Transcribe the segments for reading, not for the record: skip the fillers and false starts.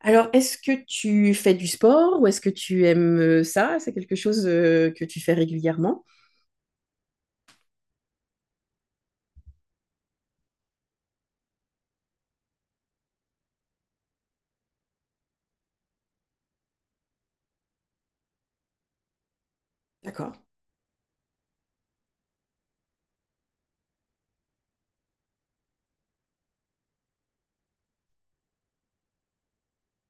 Alors, est-ce que tu fais du sport ou est-ce que tu aimes ça? C'est quelque chose que tu fais régulièrement? D'accord.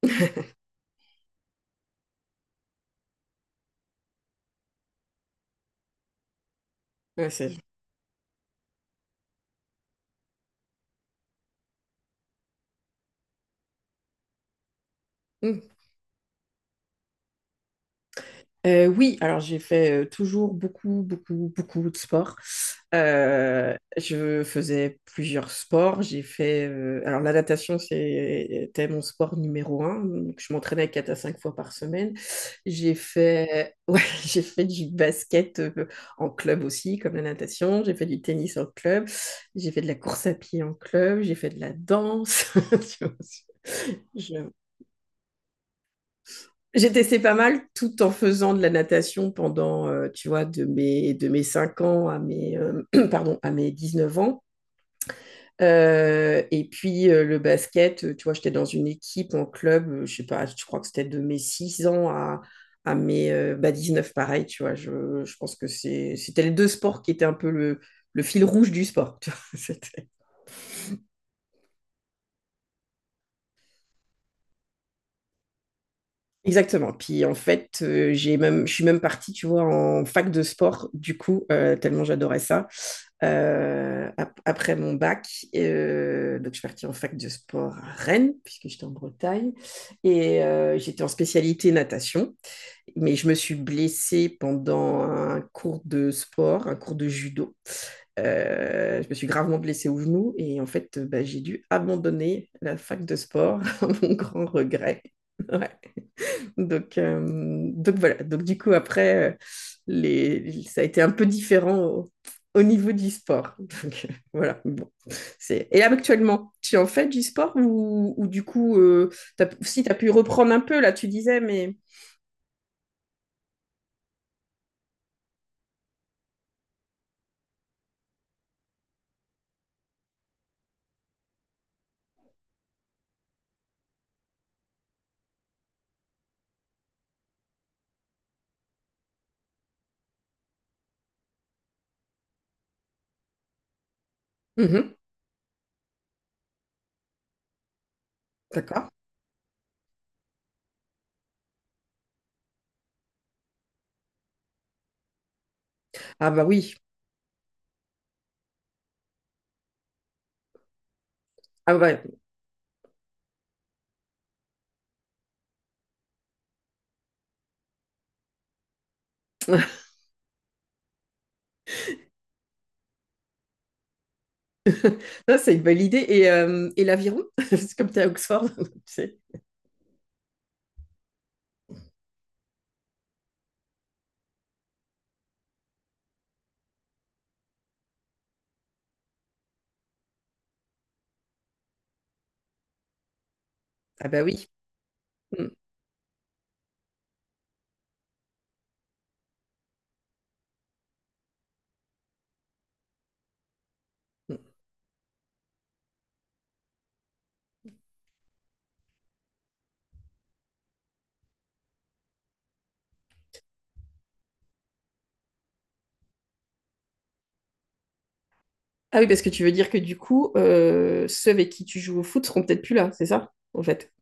Ouais, c'est- oui, alors j'ai fait toujours beaucoup, beaucoup, beaucoup de sport. Je faisais plusieurs sports. J'ai fait. Alors la natation, c'est- c'était mon sport numéro un. Donc, je m'entraînais quatre à cinq fois par semaine. J'ai fait, ouais, j'ai fait du basket en club aussi, comme la natation. J'ai fait du tennis en club. J'ai fait de la course à pied en club. J'ai fait de la danse. Tu vois, je- j'ai testé pas mal tout en faisant de la natation pendant, tu vois, de mes 5 ans à mes, pardon, à mes 19 ans. Et puis le basket, tu vois, j'étais dans une équipe en club, je sais pas, je crois que c'était de mes 6 ans à mes bah, 19, pareil, tu vois. Je pense que c'était les deux sports qui étaient un peu le fil rouge du sport. Tu vois. C'était- Exactement. Puis en fait, j'ai même, je suis même partie, tu vois, en fac de sport, du coup, tellement j'adorais ça. Après mon bac, donc je suis partie en fac de sport à Rennes, puisque j'étais en Bretagne, et j'étais en spécialité natation. Mais je me suis blessée pendant un cours de sport, un cours de judo. Je me suis gravement blessée au genou et en fait, bah, j'ai dû abandonner la fac de sport à mon grand regret. Ouais. Donc voilà. Donc du coup, après, les, ça a été un peu différent au, au niveau du sport. Donc voilà. Bon, c'est... Et là, actuellement, tu en fais du sport ou du coup, t'as- si tu as pu reprendre un peu, là, tu disais, mais... Mhm, d'accord. Ah bah oui. Ah bah, ça, c'est une belle idée. Et l'aviron, c'est comme tu es à Oxford. c'est- Ah bah oui. Mm, mm. Ah oui, parce que tu veux dire que du coup, ceux avec qui tu joues au foot seront peut-être plus là, c'est ça, en fait?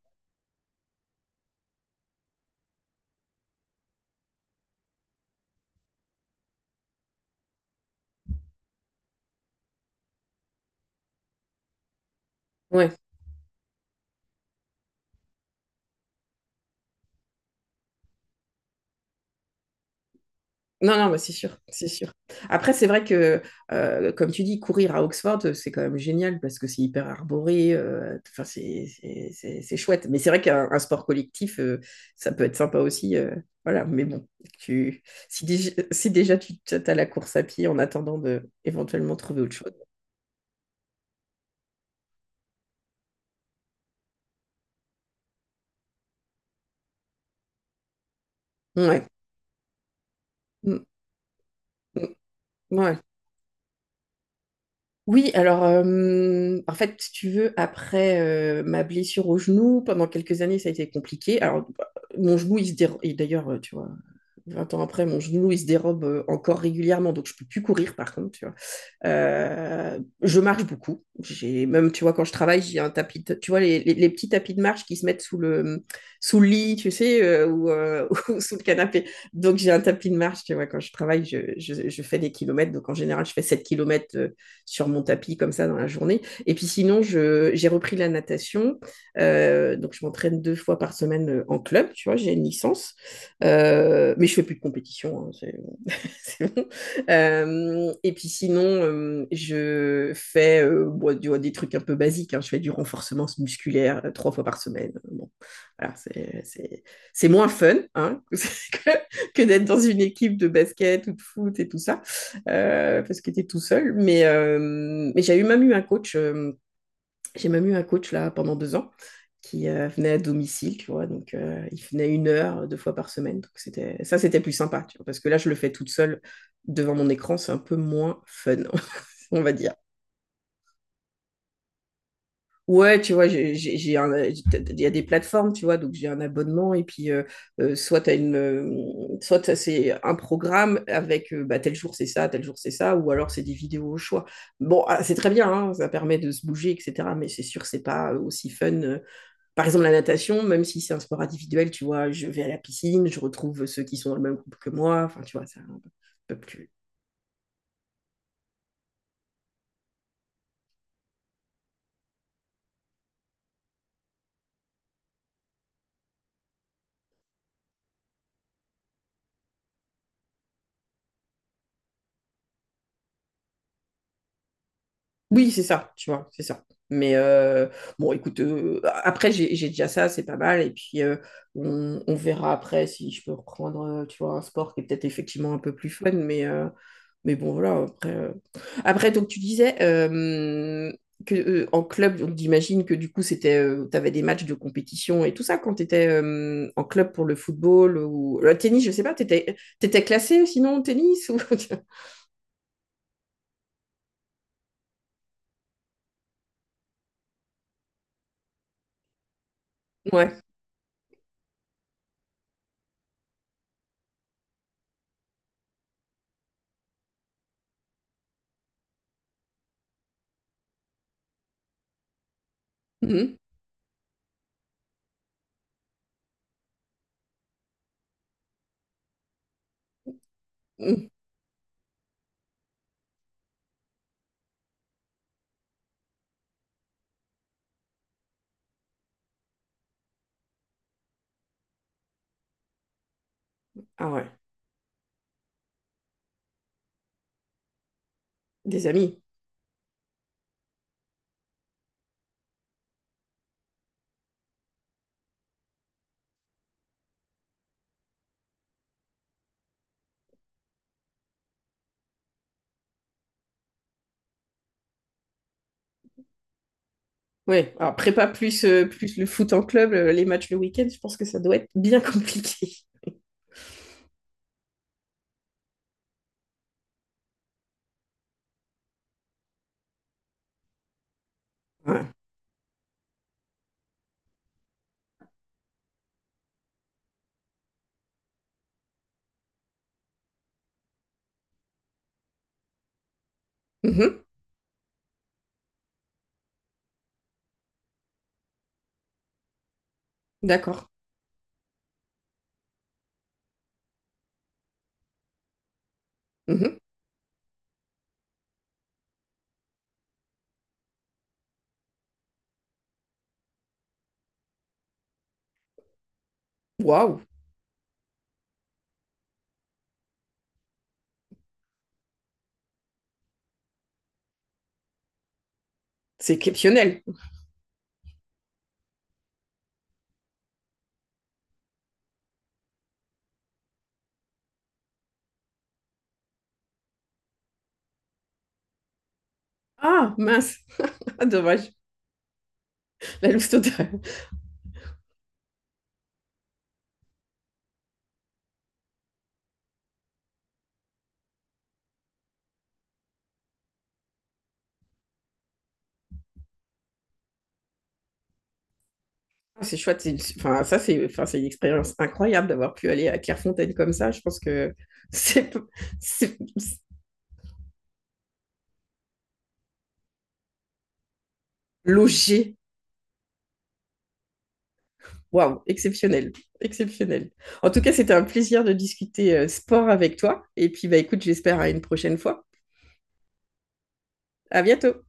Non, non, mais c'est sûr, c'est sûr. Après, c'est vrai que, comme tu dis, courir à Oxford, c'est quand même génial parce que c'est hyper arboré, enfin, c'est chouette. Mais c'est vrai qu'un un sport collectif, ça peut être sympa aussi. Voilà, mais bon, tu, si déjà tu as la course à pied en attendant de éventuellement trouver autre chose. Ouais. Mm, mm, ouais. Oui, alors, en fait, si tu veux, après ma blessure au genou, pendant quelques années, ça a été compliqué. Alors, bah, mon genou, il se dérobe, et d'ailleurs, tu vois, vingt ans après, mon genou, il se dérobe encore régulièrement, donc je ne peux plus courir, par contre, tu vois. Je marche beaucoup. J'ai même, tu vois, quand je travaille, j'ai un tapis, de- tu vois, les petits tapis de marche qui se mettent sous le lit, tu sais, ou, ou sous le canapé. Donc, j'ai un tapis de marche, tu vois, quand je travaille, je fais des kilomètres. Donc, en général, je fais 7 kilomètres sur mon tapis, comme ça, dans la journée. Et puis, sinon, je- j'ai repris la natation. Donc, je m'entraîne deux fois par semaine en club, tu vois, j'ai une licence. Mais je fais plus de compétition, hein, c'est c'est bon. Et puis sinon, je fais bon, tu vois, des trucs un peu basiques, hein. Je fais du renforcement musculaire trois fois par semaine, hein. Bon, voilà, c'est moins fun hein, que d'être dans une équipe de basket ou de foot et tout ça, parce que tu es tout seul. Mais j'ai eu même eu un coach. J'ai même eu un coach là pendant deux ans qui venait à domicile, tu vois. Donc, il venait une heure, deux fois par semaine. Donc, c'était plus sympa, tu vois, parce que là, je le fais toute seule devant mon écran, c'est un peu moins fun, on va dire. Ouais, tu vois, j'ai un- il y a des plateformes, tu vois, donc j'ai un abonnement et puis soit t'as une, soit t'as- c'est un programme avec bah, tel jour c'est ça, tel jour c'est ça, ou alors c'est des vidéos au choix. Bon, ah, c'est très bien, hein, ça permet de se bouger, etc. Mais c'est sûr, c'est pas aussi fun par exemple, la natation, même si c'est un sport individuel, tu vois, je vais à la piscine, je retrouve ceux qui sont dans le même groupe que moi. Enfin, tu vois, c'est un peu plus oui, c'est ça, tu vois, c'est ça. Mais bon, écoute, après, j'ai déjà ça, c'est pas mal. Et puis, on verra après si je peux reprendre, tu vois, un sport qui est peut-être effectivement un peu plus fun. Mais bon, voilà, après. Après, donc, tu disais que, en club, donc, j'imagine que du coup, c'était, tu avais des matchs de compétition et tout ça quand tu étais en club pour le football ou le tennis, je sais pas, tu étais, classé sinon au tennis ou... Ouais. Mhm. Mhm. Ah ouais, des amis. Oui, alors prépa plus, plus le foot en club, les matchs le week-end, je pense que ça doit être bien compliqué. Ouais. Mhm, d'accord. Mhm. Waouh, c'est exceptionnel. Ah, mince. Ah, dommage. La loose totale. Ah, c'est chouette. C'est une- Enfin, ça, c'est enfin, c'est une expérience incroyable d'avoir pu aller à Clairefontaine comme ça. Je pense que c'est p- c'est- c'est- logé. Waouh, exceptionnel. Exceptionnel. En tout cas, c'était un plaisir de discuter sport avec toi. Et puis, bah, écoute, j'espère à une prochaine fois. À bientôt.